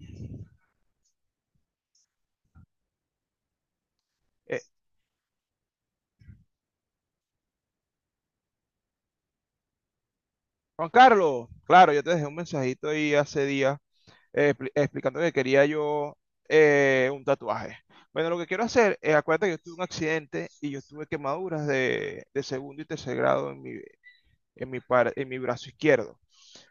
Eh, Juan Carlos, claro, yo te dejé un mensajito ahí hace días, explicando que quería yo un tatuaje. Bueno, lo que quiero hacer, es acuérdate que yo tuve un accidente y yo tuve quemaduras de segundo y tercer grado en en mi brazo izquierdo.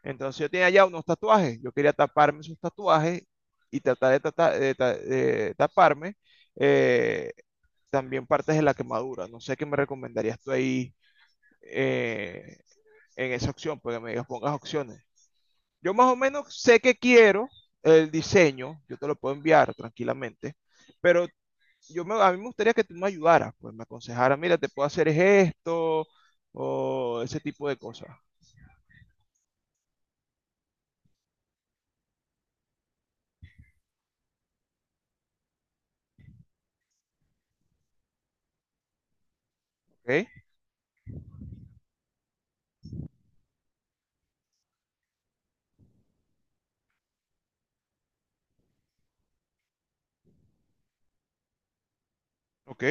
Entonces yo tenía ya unos tatuajes, yo quería taparme esos tatuajes y tratar de taparme eh, también partes de la quemadura. No sé qué me recomendarías tú ahí eh, en esa opción, porque me digas, pongas opciones. Yo más o menos sé que quiero el diseño, yo te lo puedo enviar tranquilamente, pero a mí me gustaría que tú me ayudaras, pues me aconsejaras, mira, te puedo hacer esto o ese tipo de cosas, ¿ok? Ok,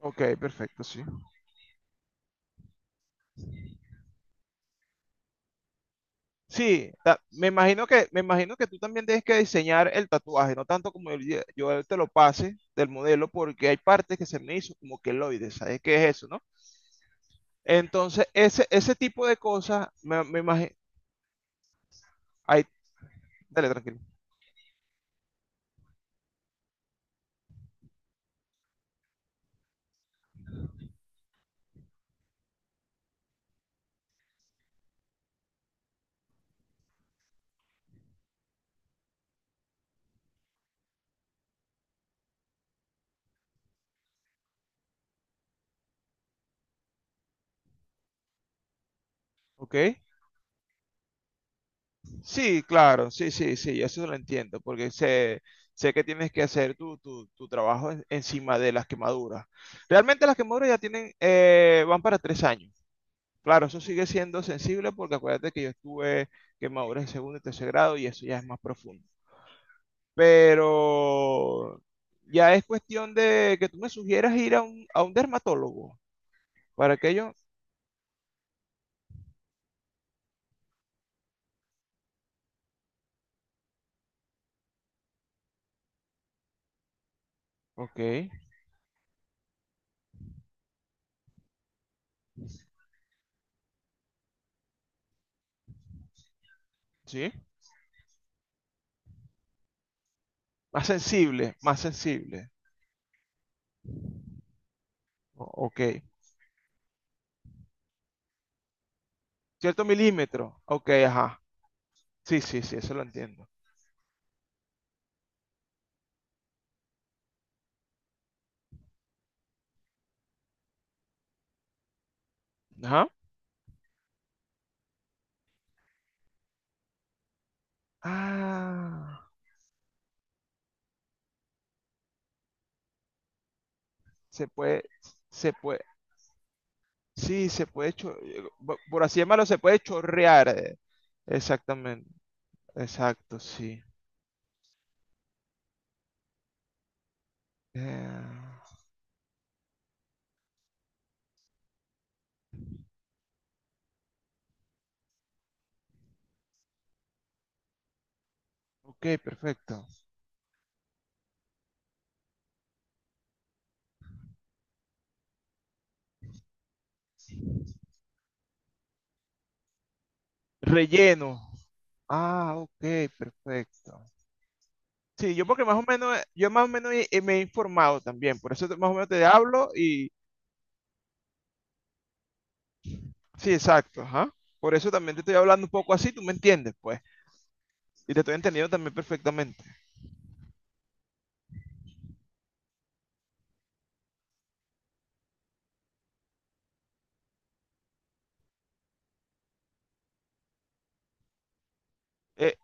ok, perfecto, sí. Sí, me imagino que tú también tienes que diseñar el tatuaje, no tanto como yo te lo pase del modelo, porque hay partes que se me hizo como queloides, ¿sabes qué es eso, no? Entonces, ese tipo de cosas, me imagino. Ahí, dale, tranquilo. ¿Ok? Sí, claro, sí, sí, sí, eso lo entiendo, porque sé, sé que tienes que hacer tu trabajo encima de las quemaduras. Realmente las quemaduras ya tienen, van para 3 años. Claro, eso sigue siendo sensible porque acuérdate que yo estuve quemaduras en segundo y tercer grado y eso ya es más profundo. Pero ya es cuestión de que tú me sugieras ir a un dermatólogo. ¿Para que yo? Ok. ¿Sí? Más sensible, más sensible. Ok. Cierto milímetro. Ok, ajá. Sí, sí, sí, eso lo entiendo. Ajá. Ah, se puede, se puede, sí, se puede, por así llamarlo, se puede chorrear. Exactamente. Exacto, sí. Eh, ok, perfecto. Relleno. Ah, ok, perfecto. Sí, yo porque más o menos, yo más o menos me he informado también, más o menos te hablo y, sí, exacto, ajá. Por eso también te estoy hablando un poco así, tú me entiendes, pues. Y te estoy entendiendo también perfectamente. Eh,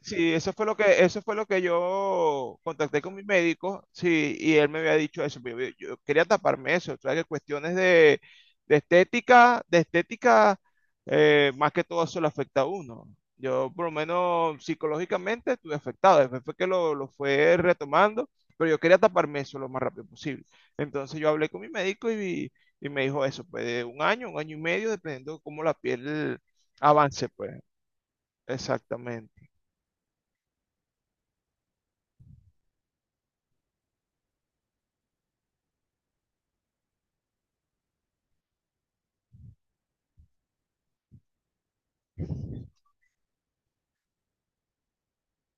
Sí, eso fue lo que, eso fue lo que yo contacté con mi médico, sí, y él me había dicho eso. Pero yo quería taparme eso, o sea, que cuestiones de, de estética, más que todo eso le afecta a uno. Yo, por lo menos psicológicamente, estuve afectado. Después fue que lo fue retomando, pero yo quería taparme eso lo más rápido posible. Entonces yo hablé con mi médico y me dijo eso, pues de un año y medio, dependiendo de cómo la piel avance, pues, exactamente.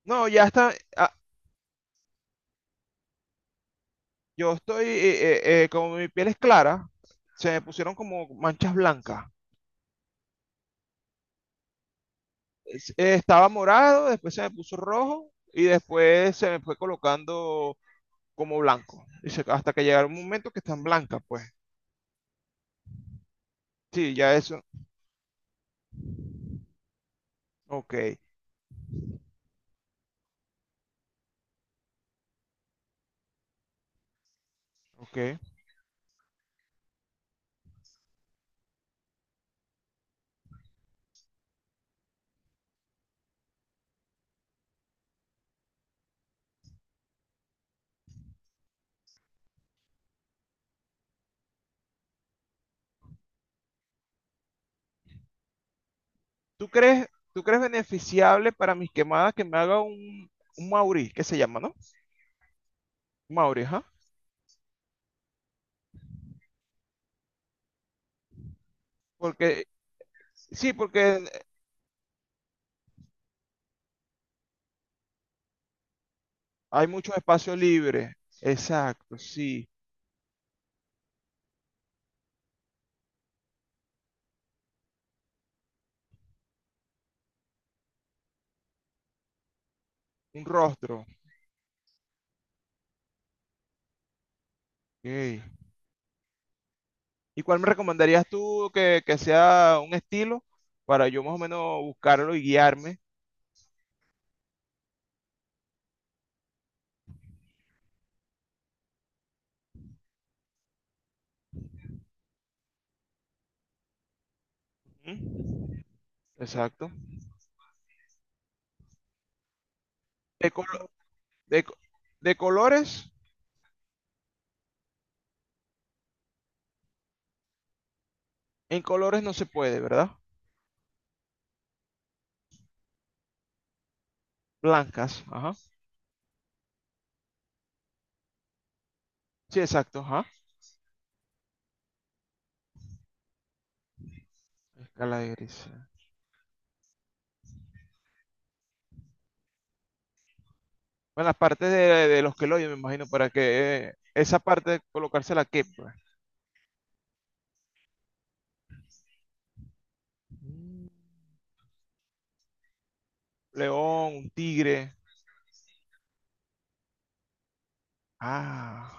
No, ya está. Yo estoy, como mi piel es clara, se me pusieron como manchas blancas. Estaba morado, después se me puso rojo y después se me fue colocando como blanco. Y hasta que llegaron un momento que están blancas, pues. Sí, ya eso. Ok, ok. ¿Tú crees, tú crees beneficiable para mis quemadas que me haga un Mauri, que se llama, no? Mauri, ajá. Porque, sí, porque hay mucho espacio libre. Exacto, sí. Un rostro. Ok. ¿Y cuál me recomendarías tú que sea un estilo para yo más o menos buscarlo y guiarme? Ujú, exacto. De, colo- de co- de colores, en colores no se puede, ¿verdad? Blancas, ajá. Sí, exacto, ajá. Escala de gris. Bueno, las partes de los que lo oyen, me imagino, para que esa parte colocársela qué, pues. Mm, león, un tigre. Ah,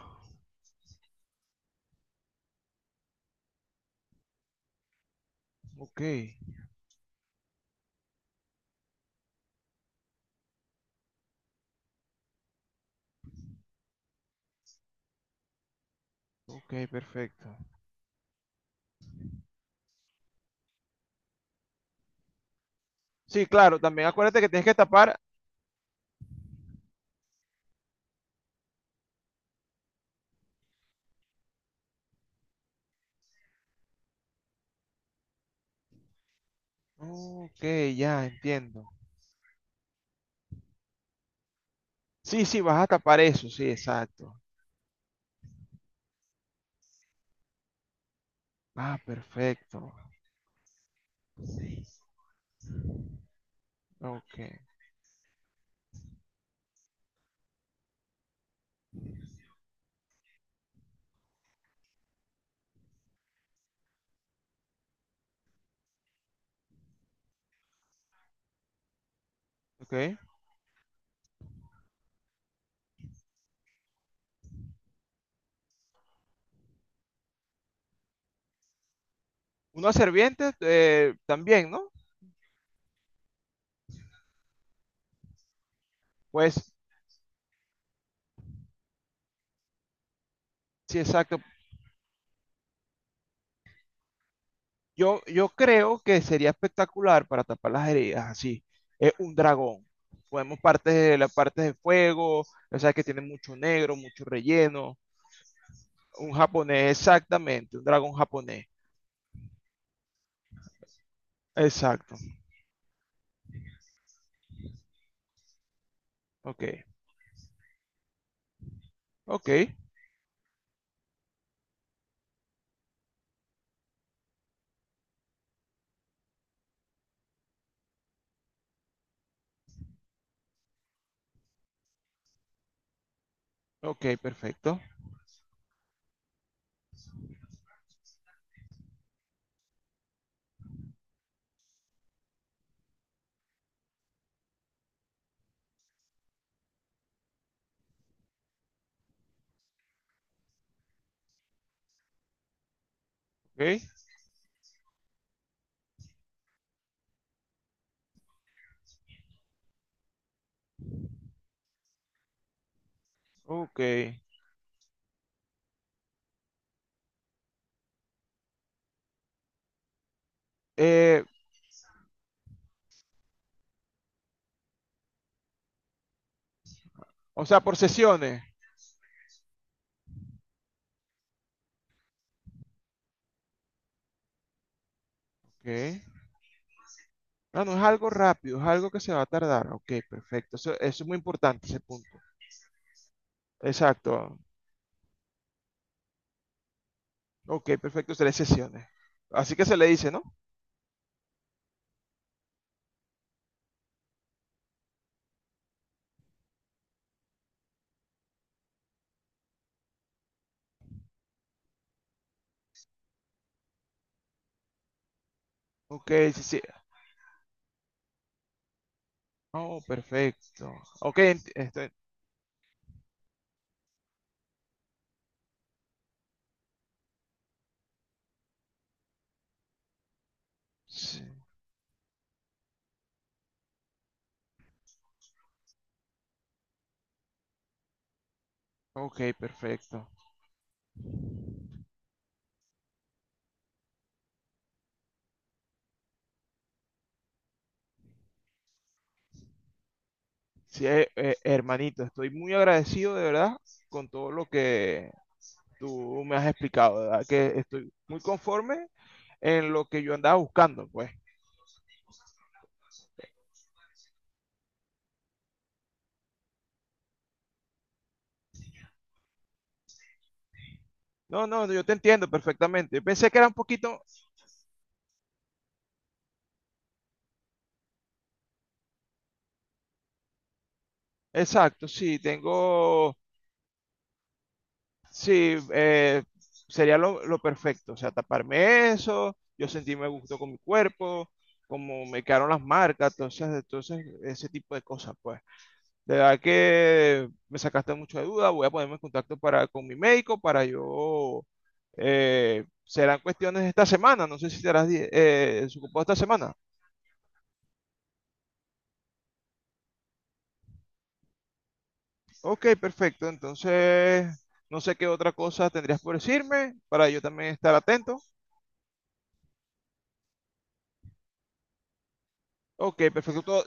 ok, ok, perfecto. Sí, claro, también acuérdate que tienes que tapar. Ok, ya entiendo. Sí, sí, vas a tapar eso, sí, exacto. Ah, perfecto. Ok, ok. Una serviente también, ¿no? Pues, sí, exacto. Yo creo que sería espectacular para tapar las heridas, así. Es un dragón. Podemos partes de las partes de fuego, o sea que tiene mucho negro, mucho relleno. Un japonés, exactamente, un dragón japonés. Exacto. Ok, ok, ok, perfecto. Ok, ok. Eh, o sea, por sesiones. Ok. No, no es algo rápido, es algo que se va a tardar. Ok, perfecto. Eso es muy importante, ese punto. Exacto. Ok, perfecto, tres sesiones. Así que se le dice, ¿no? Ok, sí, sí. Oh, perfecto. Ok, ent- estoy- sí, ok, perfecto. Sí, hermanito, estoy muy agradecido de verdad con todo lo que tú me has explicado, de verdad que estoy muy conforme en lo que yo andaba buscando, pues. No, no, yo te entiendo perfectamente. Pensé que era un poquito... Exacto, sí, tengo... Sí, sería lo perfecto. O sea, taparme eso, yo sentirme a gusto con mi cuerpo, como me quedaron las marcas, entonces, entonces ese tipo de cosas, pues. De verdad que me sacaste mucho de duda, voy a ponerme en contacto para, con mi médico para yo... serán cuestiones de esta semana, no sé si serás desocupado esta semana. Ok, perfecto. Entonces, no sé qué otra cosa tendrías por decirme para yo también estar atento. Ok, perfecto.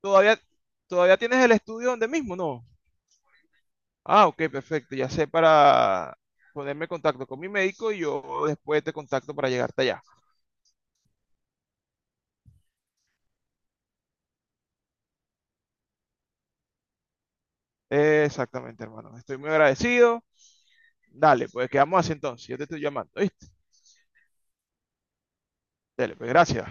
todavía, todavía tienes el estudio donde mismo, ¿no? Ah, ok, perfecto. Ya sé para ponerme en contacto con mi médico y yo después te contacto para llegarte allá. Exactamente, hermano. Estoy muy agradecido. Dale, pues quedamos así entonces. Yo te estoy llamando, ¿viste? Dale, pues gracias.